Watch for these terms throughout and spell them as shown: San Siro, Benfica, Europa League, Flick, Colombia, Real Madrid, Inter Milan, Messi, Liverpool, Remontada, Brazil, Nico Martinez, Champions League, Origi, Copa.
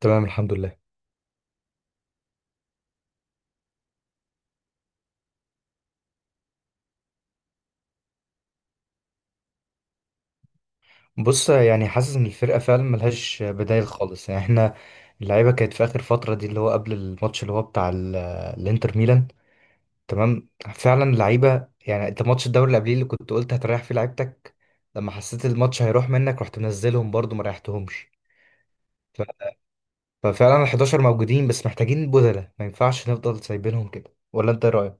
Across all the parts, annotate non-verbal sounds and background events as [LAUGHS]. تمام، الحمد لله. بص يعني حاسس ان الفرقه فعلا ملهاش بدايل خالص، يعني احنا اللعيبه كانت في اخر فتره دي، اللي هو قبل الماتش اللي هو بتاع الانتر ميلان. تمام. فعلا اللعيبه، يعني انت ماتش الدوري اللي قبليه اللي كنت قلت هتريح فيه لعيبتك، لما حسيت الماتش هيروح منك رحت منزلهم برضو ما ريحتهمش. ف- ففعلا ال 11 موجودين بس محتاجين بدلة، ما ينفعش نفضل سايبينهم كده، ولا انت إيه رايك؟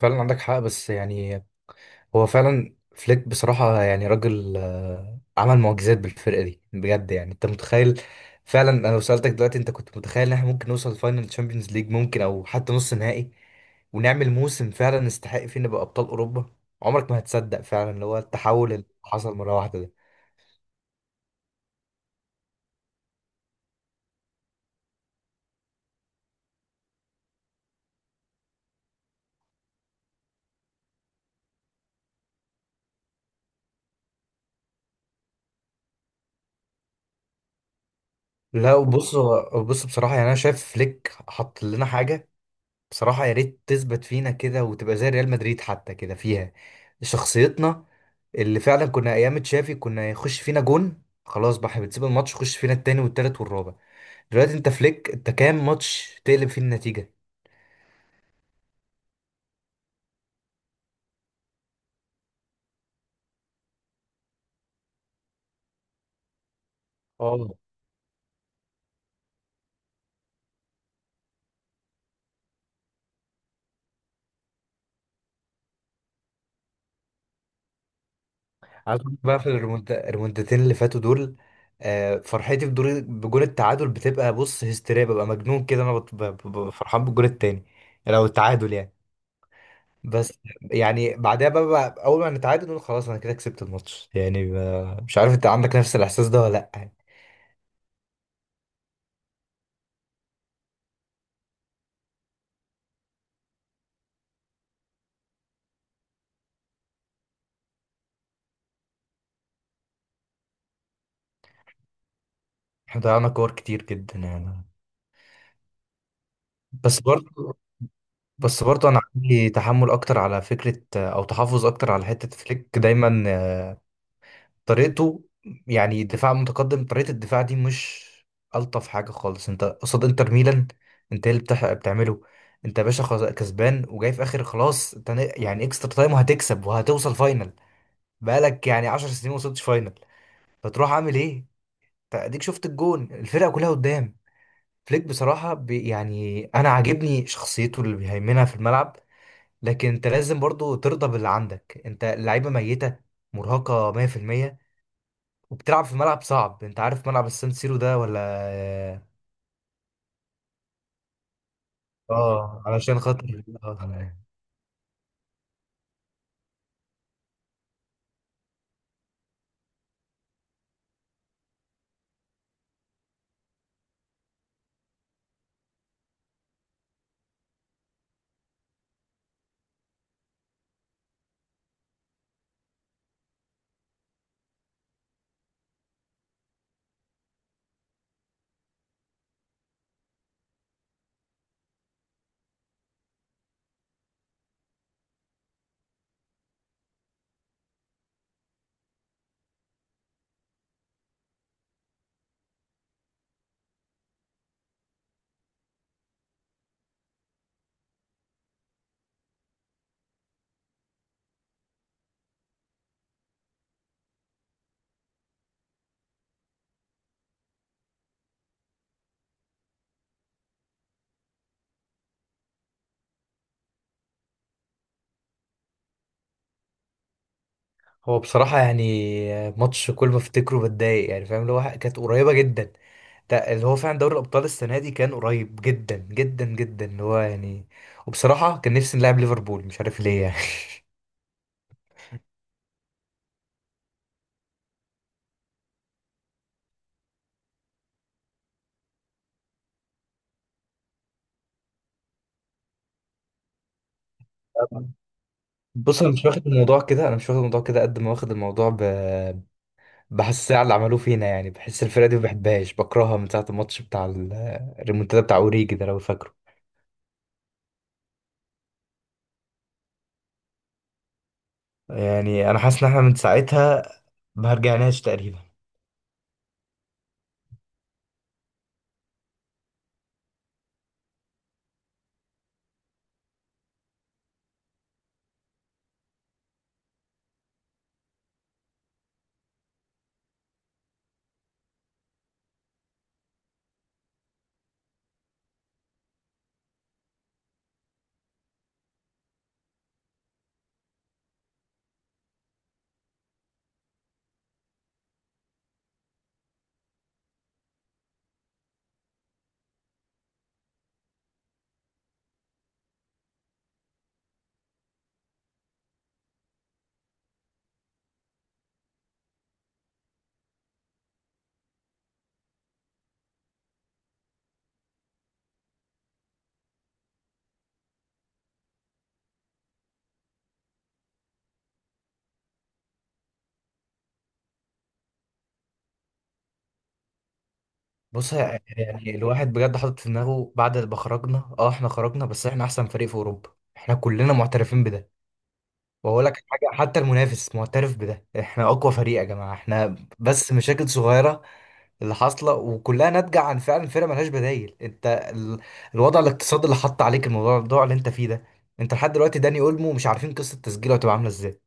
فعلا عندك حق بس يعني هو فعلا فليك بصراحة يعني راجل عمل معجزات بالفرقة دي بجد، يعني انت متخيل؟ فعلا انا لو سألتك دلوقتي، انت كنت متخيل ان احنا ممكن نوصل فاينل تشامبيونز ليج ممكن او حتى نص نهائي، ونعمل موسم فعلا نستحق فيه نبقى ابطال اوروبا؟ عمرك ما هتصدق فعلا اللي هو التحول اللي حصل مرة واحدة ده. لا وبص بص بصراحة يعني انا شايف فليك حط لنا حاجة بصراحة، يا ريت تثبت فينا كده وتبقى زي ريال مدريد حتى، كده فيها شخصيتنا. اللي فعلا كنا ايام تشافي كنا يخش فينا جون خلاص بقى، احنا بنسيب الماتش يخش فينا التاني والتالت والرابع. دلوقتي انت فليك، انت كام ماتش تقلب فيه النتيجة؟ اه. عايز أقول لك بقى في الريمونتاتين اللي فاتوا دول، فرحتي بدور بجول التعادل بتبقى، بص، هستيريا، ببقى مجنون كده، انا فرحان بالجول التاني لو التعادل يعني. بس يعني بعدها بقى، اول ما نتعادل نقول خلاص انا كده كسبت الماتش، يعني مش عارف انت عندك نفس الاحساس ده ولا لا يعني. احنا ضيعنا كور كتير جدا يعني. بس برضه، انا عندي تحمل اكتر على فكره، او تحفظ اكتر على حته فليك دايما طريقته، يعني دفاع متقدم. طريقه الدفاع دي مش الطف حاجه خالص. انت قصاد انتر ميلان، انت إيه اللي بتعمله؟ انت يا باشا خلاص كسبان وجاي في اخر، خلاص انت يعني اكسترا تايم وهتكسب وهتوصل فاينل. بقالك يعني 10 سنين ما وصلتش فاينل، فتروح عامل ايه؟ أنت اديك شفت الجون الفرقه كلها قدام. فليك بصراحه بي، يعني انا عاجبني شخصيته اللي بيهيمنها في الملعب، لكن انت لازم برضو ترضى باللي عندك. انت اللعيبه ميته، مرهقه 100%، وبتلعب في ملعب صعب. انت عارف ملعب السان سيرو ده ولا؟ اه علشان خاطر [LAUGHS] آه. هو بصراحه يعني ماتش كل ما افتكره بتضايق، يعني فاهم، اللي هو كانت قريبه جدا. ده اللي هو فعلا دوري الابطال السنه دي كان قريب جدا جدا جدا، اللي هو يعني وبصراحه كان نفسي نلعب ليفربول، مش عارف ليه يعني [LAUGHS] بص انا مش واخد الموضوع كده، انا مش واخد الموضوع كده قد ما واخد الموضوع بحسها على اللي عملوه فينا، يعني بحس الفرقة دي ما بحبهاش، بكرهها من ساعة الماتش بتاع الريمونتادا بتاع اوريجي ده لو فاكره. يعني انا حاسس ان احنا من ساعتها ما رجعناش تقريبا. بص يعني الواحد بجد حاطط في دماغه بعد ما خرجنا. اه احنا خرجنا بس احنا احسن فريق في اوروبا، احنا كلنا معترفين بده. واقول لك حاجة، حتى المنافس معترف بده، احنا اقوى فريق يا جماعة. احنا بس مشاكل صغيرة اللي حاصله، وكلها ناتجه عن فعلا فرقه ملهاش بدايل. انت الوضع الاقتصادي اللي حط عليك الموضوع، اللي انت فيه ده. انت لحد دلوقتي داني اولمو مش عارفين قصه تسجيله هتبقى عامله ازاي.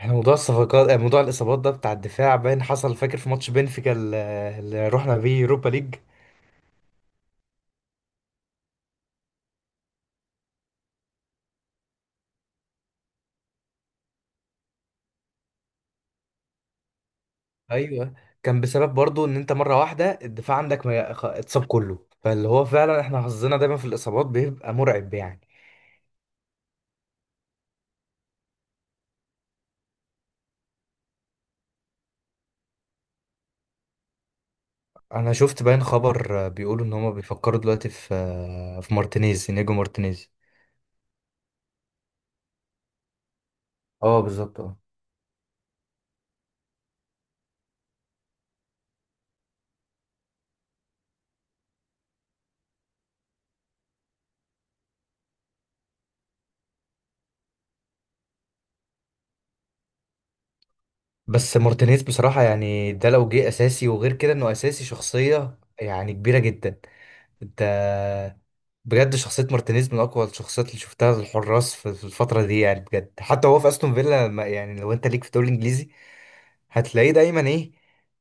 احنا موضوع الصفقات، موضوع الاصابات ده بتاع الدفاع باين حصل، فاكر في ماتش بنفيكا اللي رحنا بيه يوروبا ليج؟ ايوه، كان بسبب برضو ان انت مره واحده الدفاع عندك ما خ- اتصاب كله، فاللي هو فعلا احنا حظنا دايما في الاصابات بيبقى مرعب يعني. انا شفت باين خبر بيقولوا ان هما بيفكروا دلوقتي في في مارتينيز، نيجو مارتينيز. اه بالظبط اه. بس مارتينيز بصراحة يعني ده لو جه أساسي، وغير كده إنه أساسي شخصية يعني كبيرة جدا. أنت بجد، شخصية مارتينيز من أقوى الشخصيات اللي شفتها الحراس في الفترة دي، يعني بجد. حتى هو في أستون فيلا يعني لو أنت ليك في الدوري الإنجليزي هتلاقيه دايما إيه؟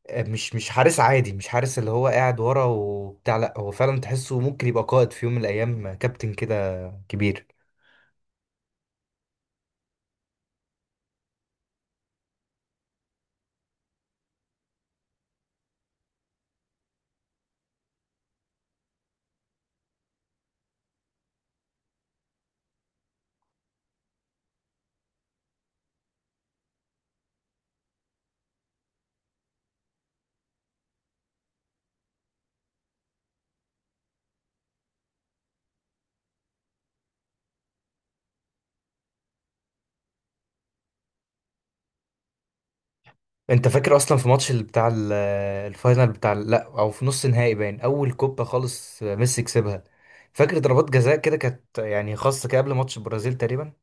مش مش حارس عادي، مش حارس اللي هو قاعد ورا وبتاع، لأ هو فعلا تحسه ممكن يبقى قائد في يوم من الأيام، كابتن كده كبير. انت فاكر اصلا في ماتش الفاينل لا، او في نص نهائي باين اول كوبا خالص ميسي كسبها؟ فاكر ضربات جزاء كده كانت يعني خاصه كده قبل ماتش البرازيل تقريبا.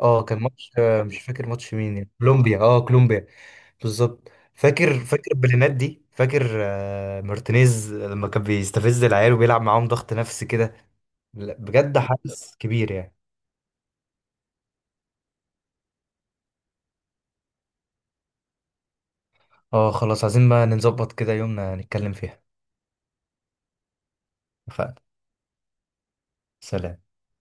اه كان ماتش مش فاكر ماتش مين، يعني كولومبيا، اه كولومبيا. بالظبط. فاكر، فاكر بلينات دي؟ فاكر مارتينيز لما كان بيستفز العيال وبيلعب معاهم ضغط نفسي كده؟ لا، بجد حدث كبير يعني. اه خلاص، عايزين بقى نظبط كده يومنا نتكلم فيها. اتفقنا. سلام.